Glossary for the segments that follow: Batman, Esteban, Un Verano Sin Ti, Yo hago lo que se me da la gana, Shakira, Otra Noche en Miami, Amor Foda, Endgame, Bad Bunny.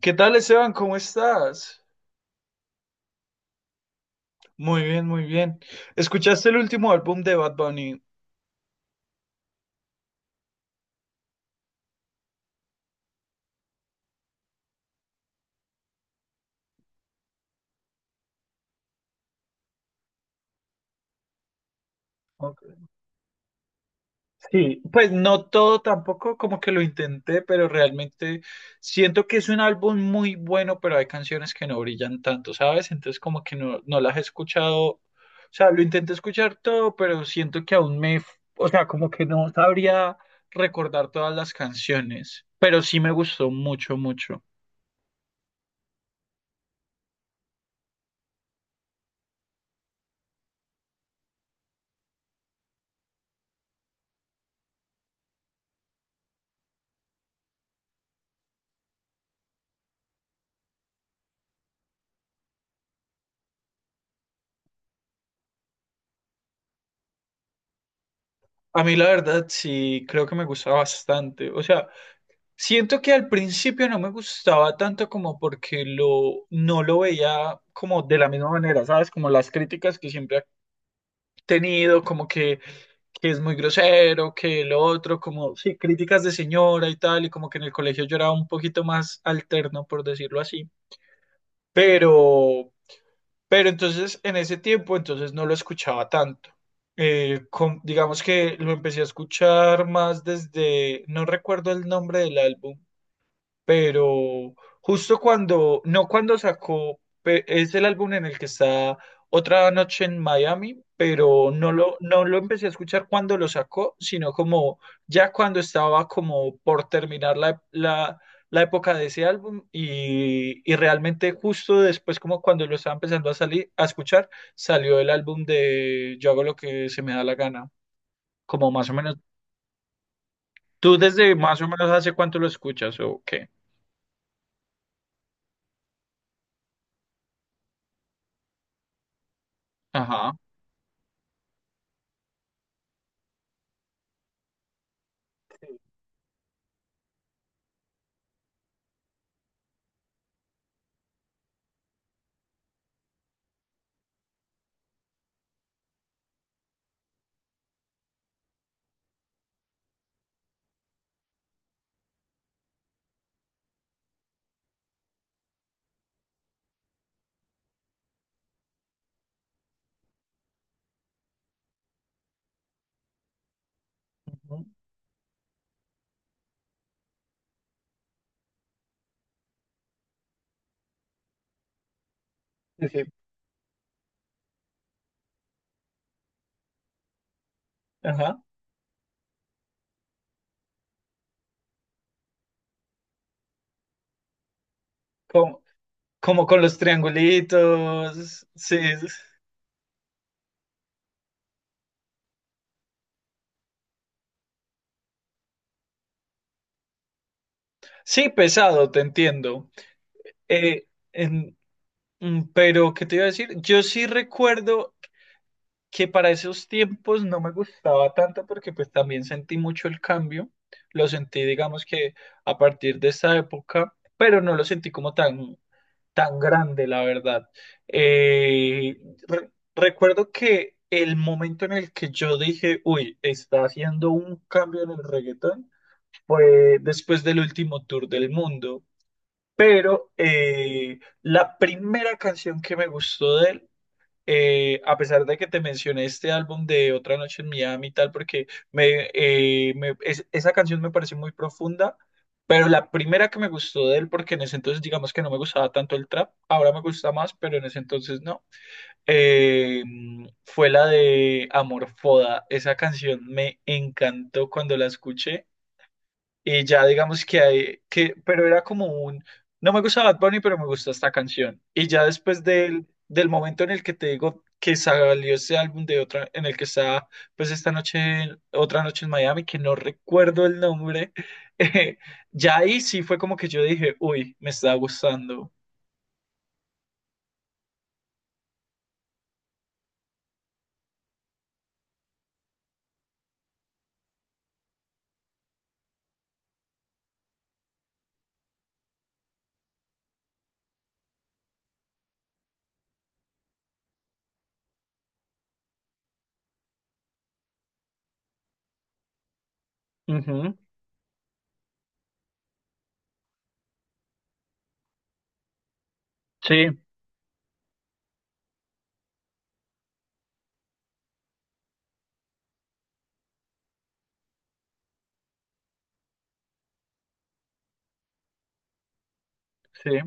¿Qué tal, Esteban? ¿Cómo estás? Muy bien, muy bien. ¿Escuchaste el último álbum de Bad Bunny? Ok. Sí, pues no todo tampoco, como que lo intenté, pero realmente siento que es un álbum muy bueno, pero hay canciones que no brillan tanto, ¿sabes? Entonces como que no, no las he escuchado, o sea, lo intenté escuchar todo, pero siento que aún me, o sea, como que no sabría recordar todas las canciones, pero sí me gustó mucho, mucho. A mí la verdad sí creo que me gusta bastante, o sea. Siento que al principio no me gustaba tanto como porque no lo veía como de la misma manera, ¿sabes? Como las críticas que siempre ha tenido, como que es muy grosero, que lo otro, como, sí, críticas de señora y tal, y como que en el colegio yo era un poquito más alterno, por decirlo así. Pero, pero entonces en ese tiempo entonces no lo escuchaba tanto. Digamos que lo empecé a escuchar más desde, no recuerdo el nombre del álbum pero justo cuando, no cuando sacó, es el álbum en el que está Otra Noche en Miami, pero no lo empecé a escuchar cuando lo sacó, sino como ya cuando estaba como por terminar la época de ese álbum y realmente justo después como cuando lo estaba empezando a salir, a escuchar, salió el álbum de Yo hago lo que se me da la gana, como más o menos. ¿Tú desde más o menos hace cuánto lo escuchas o qué? Ajá. Sí, sí, ajá. Como, como con los triangulitos. Sí, sí, pesado, te entiendo. Eh, en- pero, ¿qué te iba a decir? Yo sí recuerdo que para esos tiempos no me gustaba tanto porque pues también sentí mucho el cambio. Lo sentí, digamos que a partir de esa época, pero no lo sentí como tan grande, la verdad. Eh, recuerdo que el momento en el que yo dije, uy, está haciendo un cambio en el reggaetón, fue después del último tour del mundo. Pero la primera canción que me gustó de él, a pesar de que te mencioné este álbum de Otra Noche en Miami y tal, porque esa canción me pareció muy profunda. Pero la primera que me gustó de él, porque en ese entonces digamos que no me gustaba tanto el trap, ahora me gusta más, pero en ese entonces no, eh, fue la de Amor Foda. Esa canción me encantó cuando la escuché. Y ya digamos que hay, que, pero era como un, no me gusta Bad Bunny, pero me gusta esta canción. Y ya después del momento en el que te digo que salió ese álbum de otra, en el que está, pues esta noche, otra noche en Miami, que no recuerdo el nombre, eh, ya ahí sí fue como que yo dije, uy, me está gustando. Ujú, sí, sí,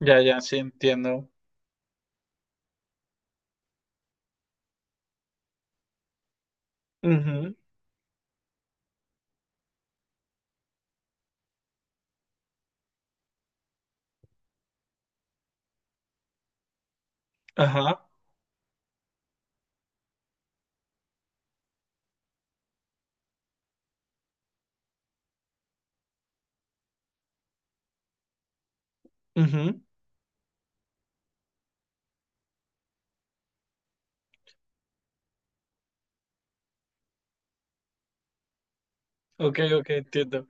ya, ya, sí, entiendo. Ujú, ajá, ujú, ok, ok, entiendo.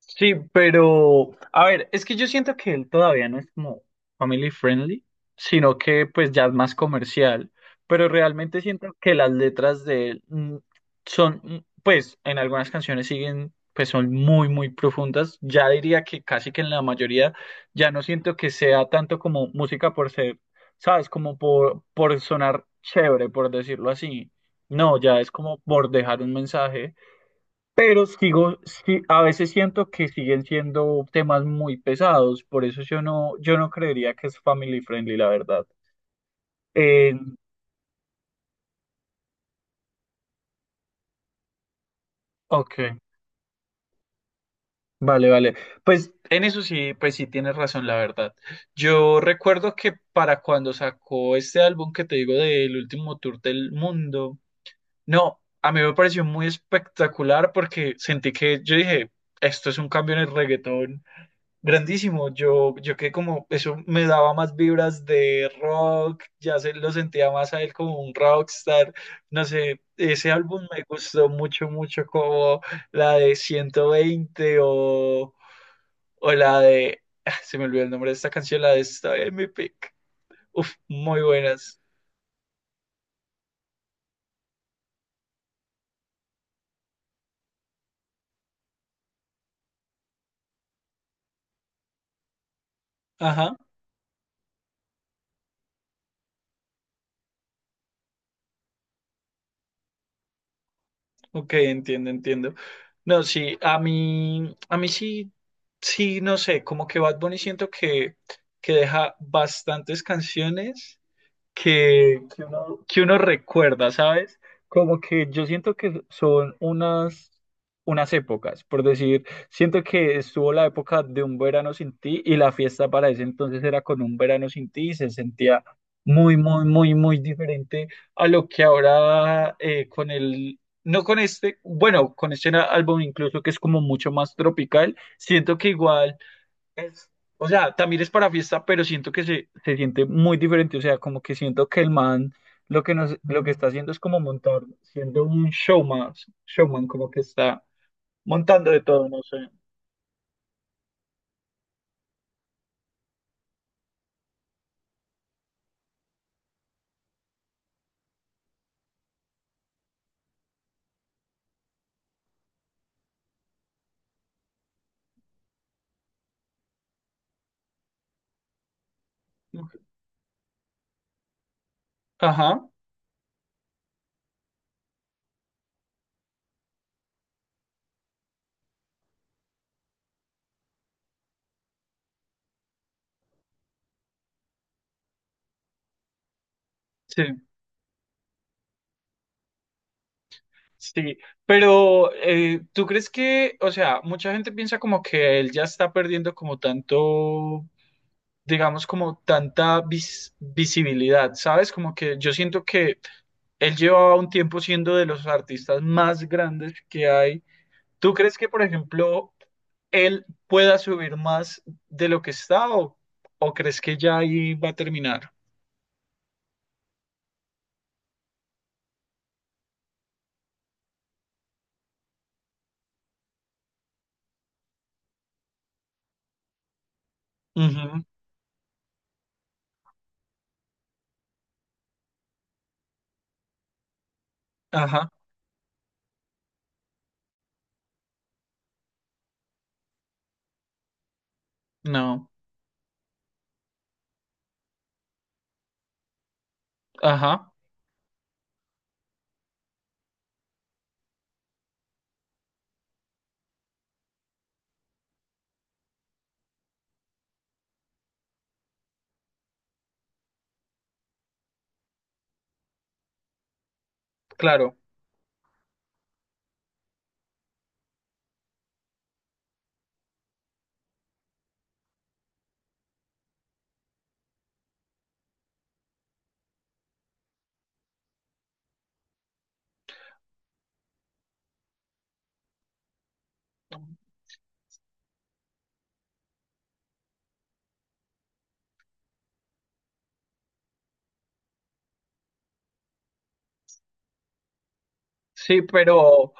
Sí, pero a ver, es que yo siento que él todavía no es como family friendly, sino que pues ya es más comercial, pero realmente siento que las letras de él son, pues en algunas canciones siguen, pues son muy, muy profundas, ya diría que casi que en la mayoría ya no siento que sea tanto como música por ser, ¿sabes? Como por sonar chévere, por decirlo así. No, ya es como por dejar un mensaje. Pero sigo, sí, a veces siento que siguen siendo temas muy pesados, por eso yo no creería que es family friendly, la verdad. Eh, ok, vale, vale. Pues en eso sí, pues sí tienes razón, la verdad. Yo recuerdo que para cuando sacó este álbum que te digo del último tour del mundo, no, a mí me pareció muy espectacular porque sentí que yo dije, esto es un cambio en el reggaetón grandísimo, yo que como eso me daba más vibras de rock, ya se lo sentía más a él como un rockstar, no sé, ese álbum me gustó mucho, mucho como la de 120 o la de, ah, se me olvidó el nombre de esta canción, la de esta en mi pick, uf, muy buenas, ajá, ok, entiendo, entiendo, no, sí, a mí sí, sí, no sé, como que Bad Bunny siento que, deja bastantes canciones que uno recuerda, ¿sabes? Como que yo siento que son unas épocas, por decir, siento que estuvo la época de un verano sin ti y la fiesta para ese entonces era con un verano sin ti y se sentía muy, muy, muy, muy diferente a lo que ahora no con este, bueno, con este álbum incluso que es como mucho más tropical, siento que igual es, o sea, también es para fiesta, pero siento que se siente muy diferente. O sea, como que siento que el man lo que está haciendo es como montar, siendo un showman, showman, como que está montando de todo, no sé. Ajá, sí, sí. Pero ¿tú crees que, o sea, mucha gente piensa como que él ya está perdiendo como tanto digamos, como tanta visibilidad, ¿sabes? Como que yo siento que él llevaba un tiempo siendo de los artistas más grandes que hay. ¿Tú crees que, por ejemplo, él pueda subir más de lo que está o crees que ya ahí va a terminar? Ujú, ajá, no, ajá, claro. Sí, pero,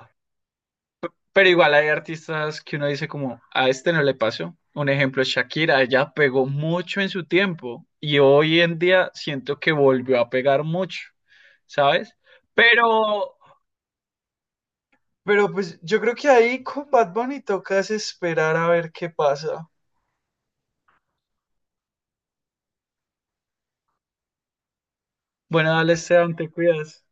pero igual hay artistas que uno dice como, a este no le pasó. Un ejemplo es Shakira, ella pegó mucho en su tiempo y hoy en día siento que volvió a pegar mucho, ¿sabes? Pero Pero pues yo creo que ahí con Bad Bunny tocas esperar a ver qué pasa. Bueno, dale, Esteban, te cuidas.